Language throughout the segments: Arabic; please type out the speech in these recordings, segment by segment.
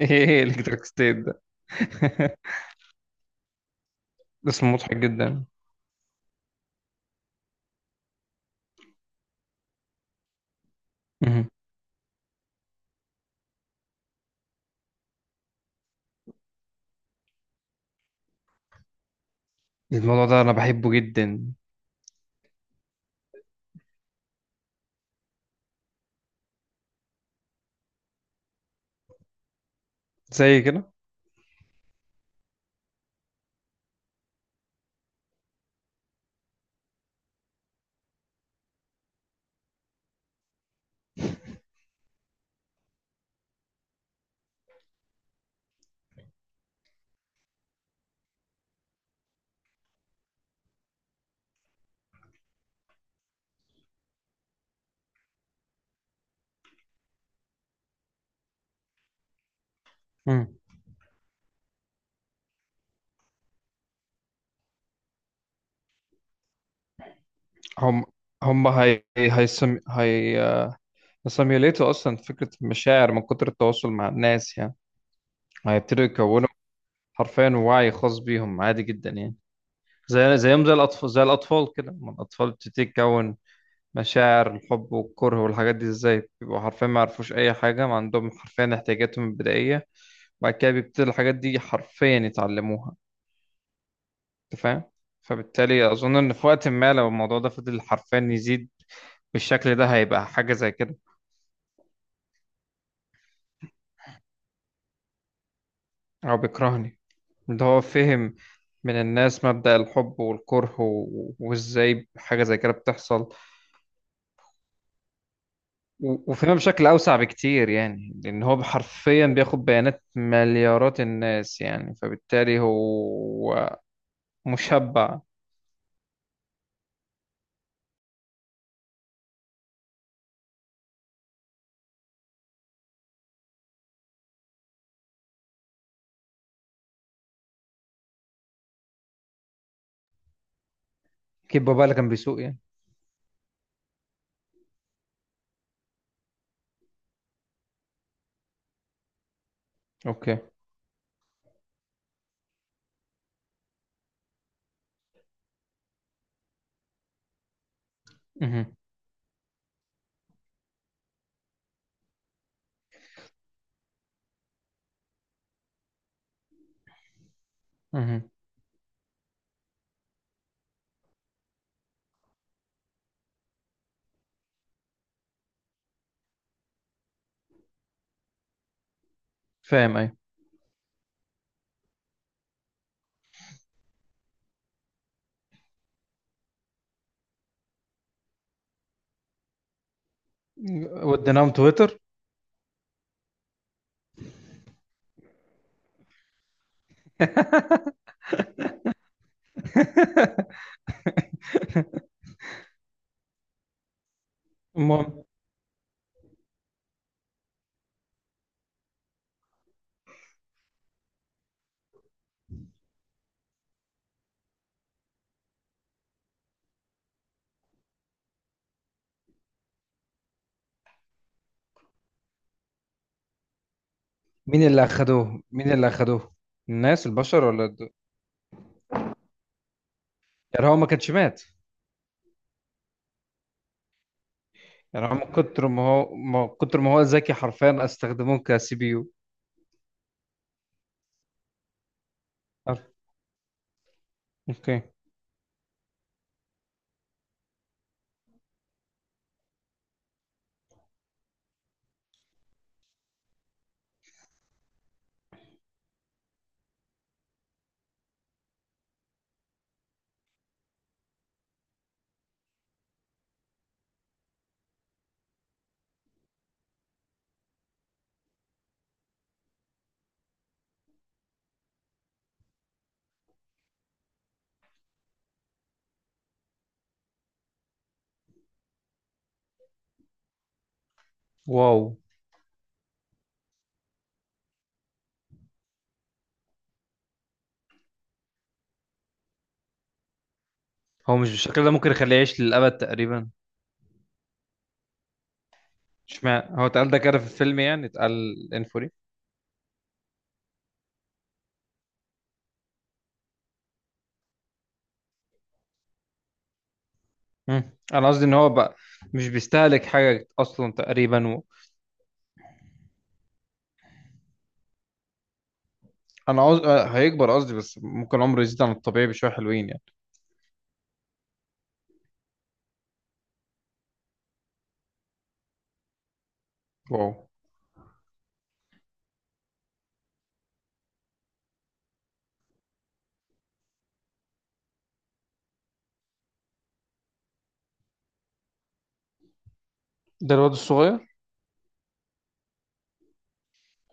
ايه الكتريك ستيت ده. اسم مضحك جدا. مهم. الموضوع ده انا بحبه جدا، زي كده. مم. هم هم هي هيسم هي هيسيميوليتوا اصلا فكره المشاعر من كتر التواصل مع الناس يعني، هيبتدوا يكونوا حرفيا وعي خاص بيهم، عادي جدا يعني. زي زي الاطفال كده، ما الاطفال بتبتدي تكون مشاعر الحب والكره والحاجات دي ازاي؟ بيبقوا حرفيا ما يعرفوش اي حاجه، ما عندهم حرفيا احتياجاتهم البدائيه. بعد كده بيبتدي الحاجات دي حرفيا يتعلموها، انت فاهم؟ فبالتالي اظن ان في وقت ما لو الموضوع ده فضل حرفيا يزيد بالشكل ده، هيبقى حاجه زي كده. هو بيكرهني؟ ده هو فهم من الناس مبدأ الحب والكره، وازاي حاجه زي كده بتحصل، وفهمها بشكل اوسع بكتير يعني، لان هو حرفيا بياخد بيانات مليارات الناس يعني، فبالتالي هو مشبع. كيب بابا اللي كان بيسوق يعني. اوكي. مهم. مهم. فاهم اي. وديناهم تويتر. المهم، مين اللي اخدوه؟ الناس البشر ولا يعني هو ما كانش مات؟ يعني هو من كتر ما هو ذكي حرفيا استخدموه كسي بي يو. اوكي. واو. هو مش بالشكل ده ممكن يخليه يعيش للابد تقريبا؟ اشمعنى هو اتقال ده كده في الفيلم يعني، اتقال انفوري. مم. انا قصدي ان هو بقى مش بيستهلك حاجه اصلا تقريبا و... انا قصدي هيكبر قصدي، بس ممكن عمره يزيد عن الطبيعي بشويه حلوين يعني. واو. ده الواد الصغير؟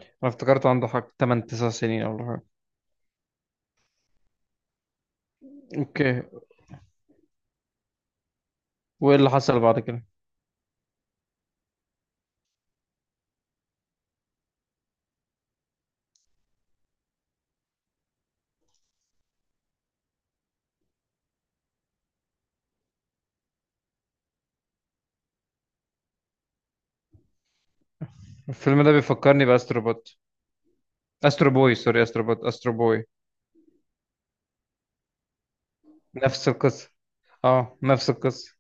انا افتكرت عنده حق 8 9 سنين ولا حاجه. اوكي. وايه اللي حصل بعد كده؟ الفيلم ده بيفكرني باسترو بوت. استرو بوي سوري، استرو بوت، استرو بوي. نفس القصه. اه نفس القصه.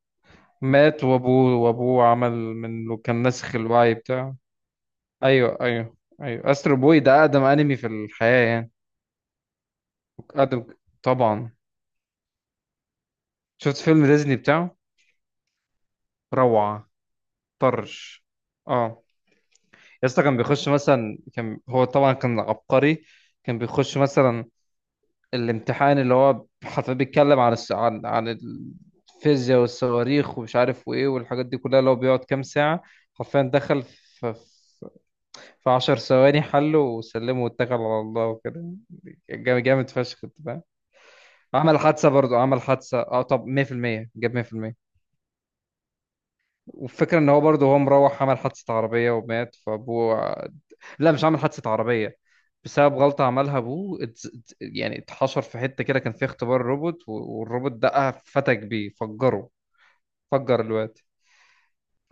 مات، وابوه عمل من كان ناسخ الوعي بتاعه. ايوه ايوه ايوه، استرو بوي ده اقدم انمي في الحياه يعني. اقدم، طبعا. شفت فيلم ديزني بتاعه؟ روعه. طرش. اه. يا اسطى كان بيخش مثلا، كان هو طبعا كان عبقري. كان بيخش مثلا الامتحان اللي هو حرفيا بيتكلم عن عن الفيزياء والصواريخ ومش عارف وايه والحاجات دي كلها، اللي هو بيقعد كام ساعة، حرفيا دخل في 10 ثواني حله وسلمه واتكل على الله وكده. جامد جامد فشخ، انت فاهم. عمل حادثة برضه، عمل حادثة اه. طب 100% جاب 100%. والفكرة ان هو برضه هو مروح عمل حادثة عربية ومات فابوه. لا مش عامل حادثة عربية، بسبب غلطة عملها أبوه. يعني اتحشر في حتة كده كان فيها اختبار روبوت، والروبوت دقها، فتك بيه، فجره. فجر الواد.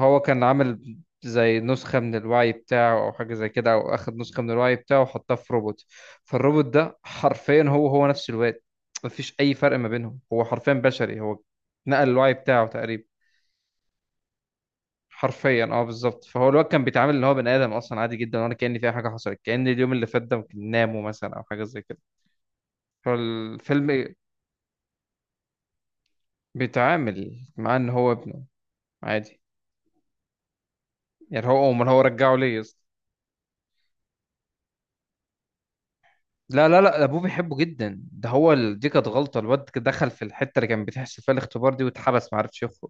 هو كان عامل زي نسخة من الوعي بتاعه أو حاجة زي كده، أو أخد نسخة من الوعي بتاعه وحطها في روبوت. فالروبوت ده حرفيا هو نفس الواد، مفيش أي فرق ما بينهم. هو حرفيا بشري، هو نقل الوعي بتاعه تقريبا. حرفيا اه، بالظبط. فهو الواد كان بيتعامل اللي هو بني ادم اصلا عادي جدا، وانا كأن في أي حاجه حصلت، كأن اليوم اللي فات ده ممكن ناموا مثلا او حاجه زي كده. فالفيلم بيتعامل مع ان هو ابنه عادي. يعني هو امال هو رجعه ليه يا اسطى؟ لا لا لا، ابوه بيحبه جدا. ده هو دي كانت غلطه، الواد دخل في الحته اللي كان بتحصل فيها الاختبار دي، واتحبس ما عرفش يخرج.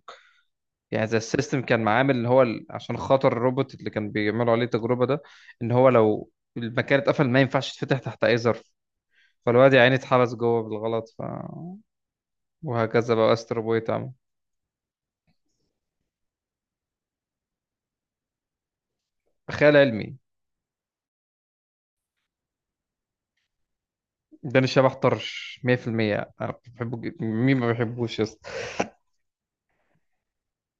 يعني زي السيستم كان معامل ان هو عشان خاطر الروبوت اللي كان بيعملوا عليه التجربه ده، ان هو لو المكان اتقفل ما ينفعش يتفتح تحت اي ظرف. فالواد يا عيني اتحبس جوه بالغلط ف... وهكذا بقى. استر بوي تعمل خيال علمي. داني الشبح طرش، 100%. انا بحبه جدا، مين ما بيحبوش يا اسطى.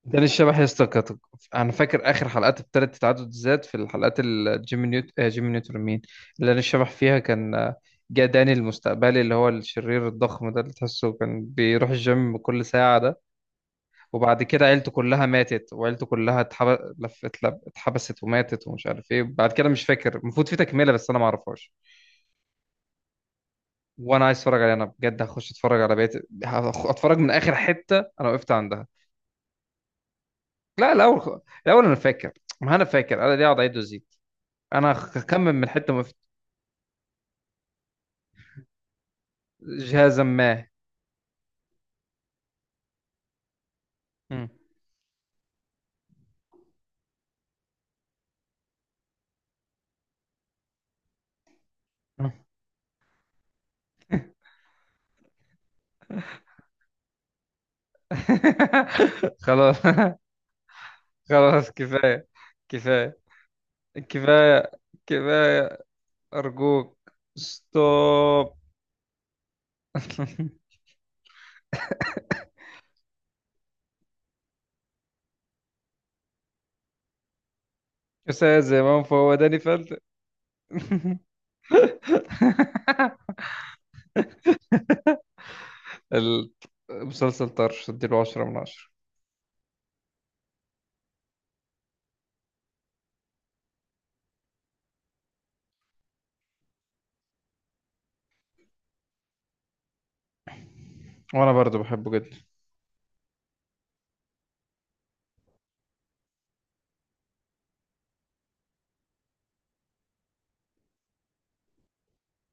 داني الشبح يا اسطى انا فاكر اخر حلقات التالت تعدد الذات، في الحلقات اللي جيمي نيوت آه جيمي نيوتن مين، اللي داني الشبح فيها كان، جه داني المستقبلي اللي هو الشرير الضخم ده، اللي تحسه كان بيروح الجيم كل ساعة ده. وبعد كده عيلته كلها ماتت، وعيلته كلها اتحبست وماتت ومش عارف ايه، بعد كده مش فاكر، المفروض في تكملة بس انا ما اعرفهاش. وانا عايز اتفرج عليها انا بجد، هخش اتفرج على بقية، اتفرج من اخر حتة انا وقفت عندها. لا الاول، الاول انا فاكر، ما انا فاكر انا ليه اقعد اعيد وازيد، انا هكمل من حتة ما وقفت. جهازا ما. مم. خلاص. خلاص كفاية كفاية كفاية كفاية، أرجوك ستوب. أستاذ زمام فهو داني فلت. المسلسل طرش، اديله 10/10. وأنا برضو بحبه جدا.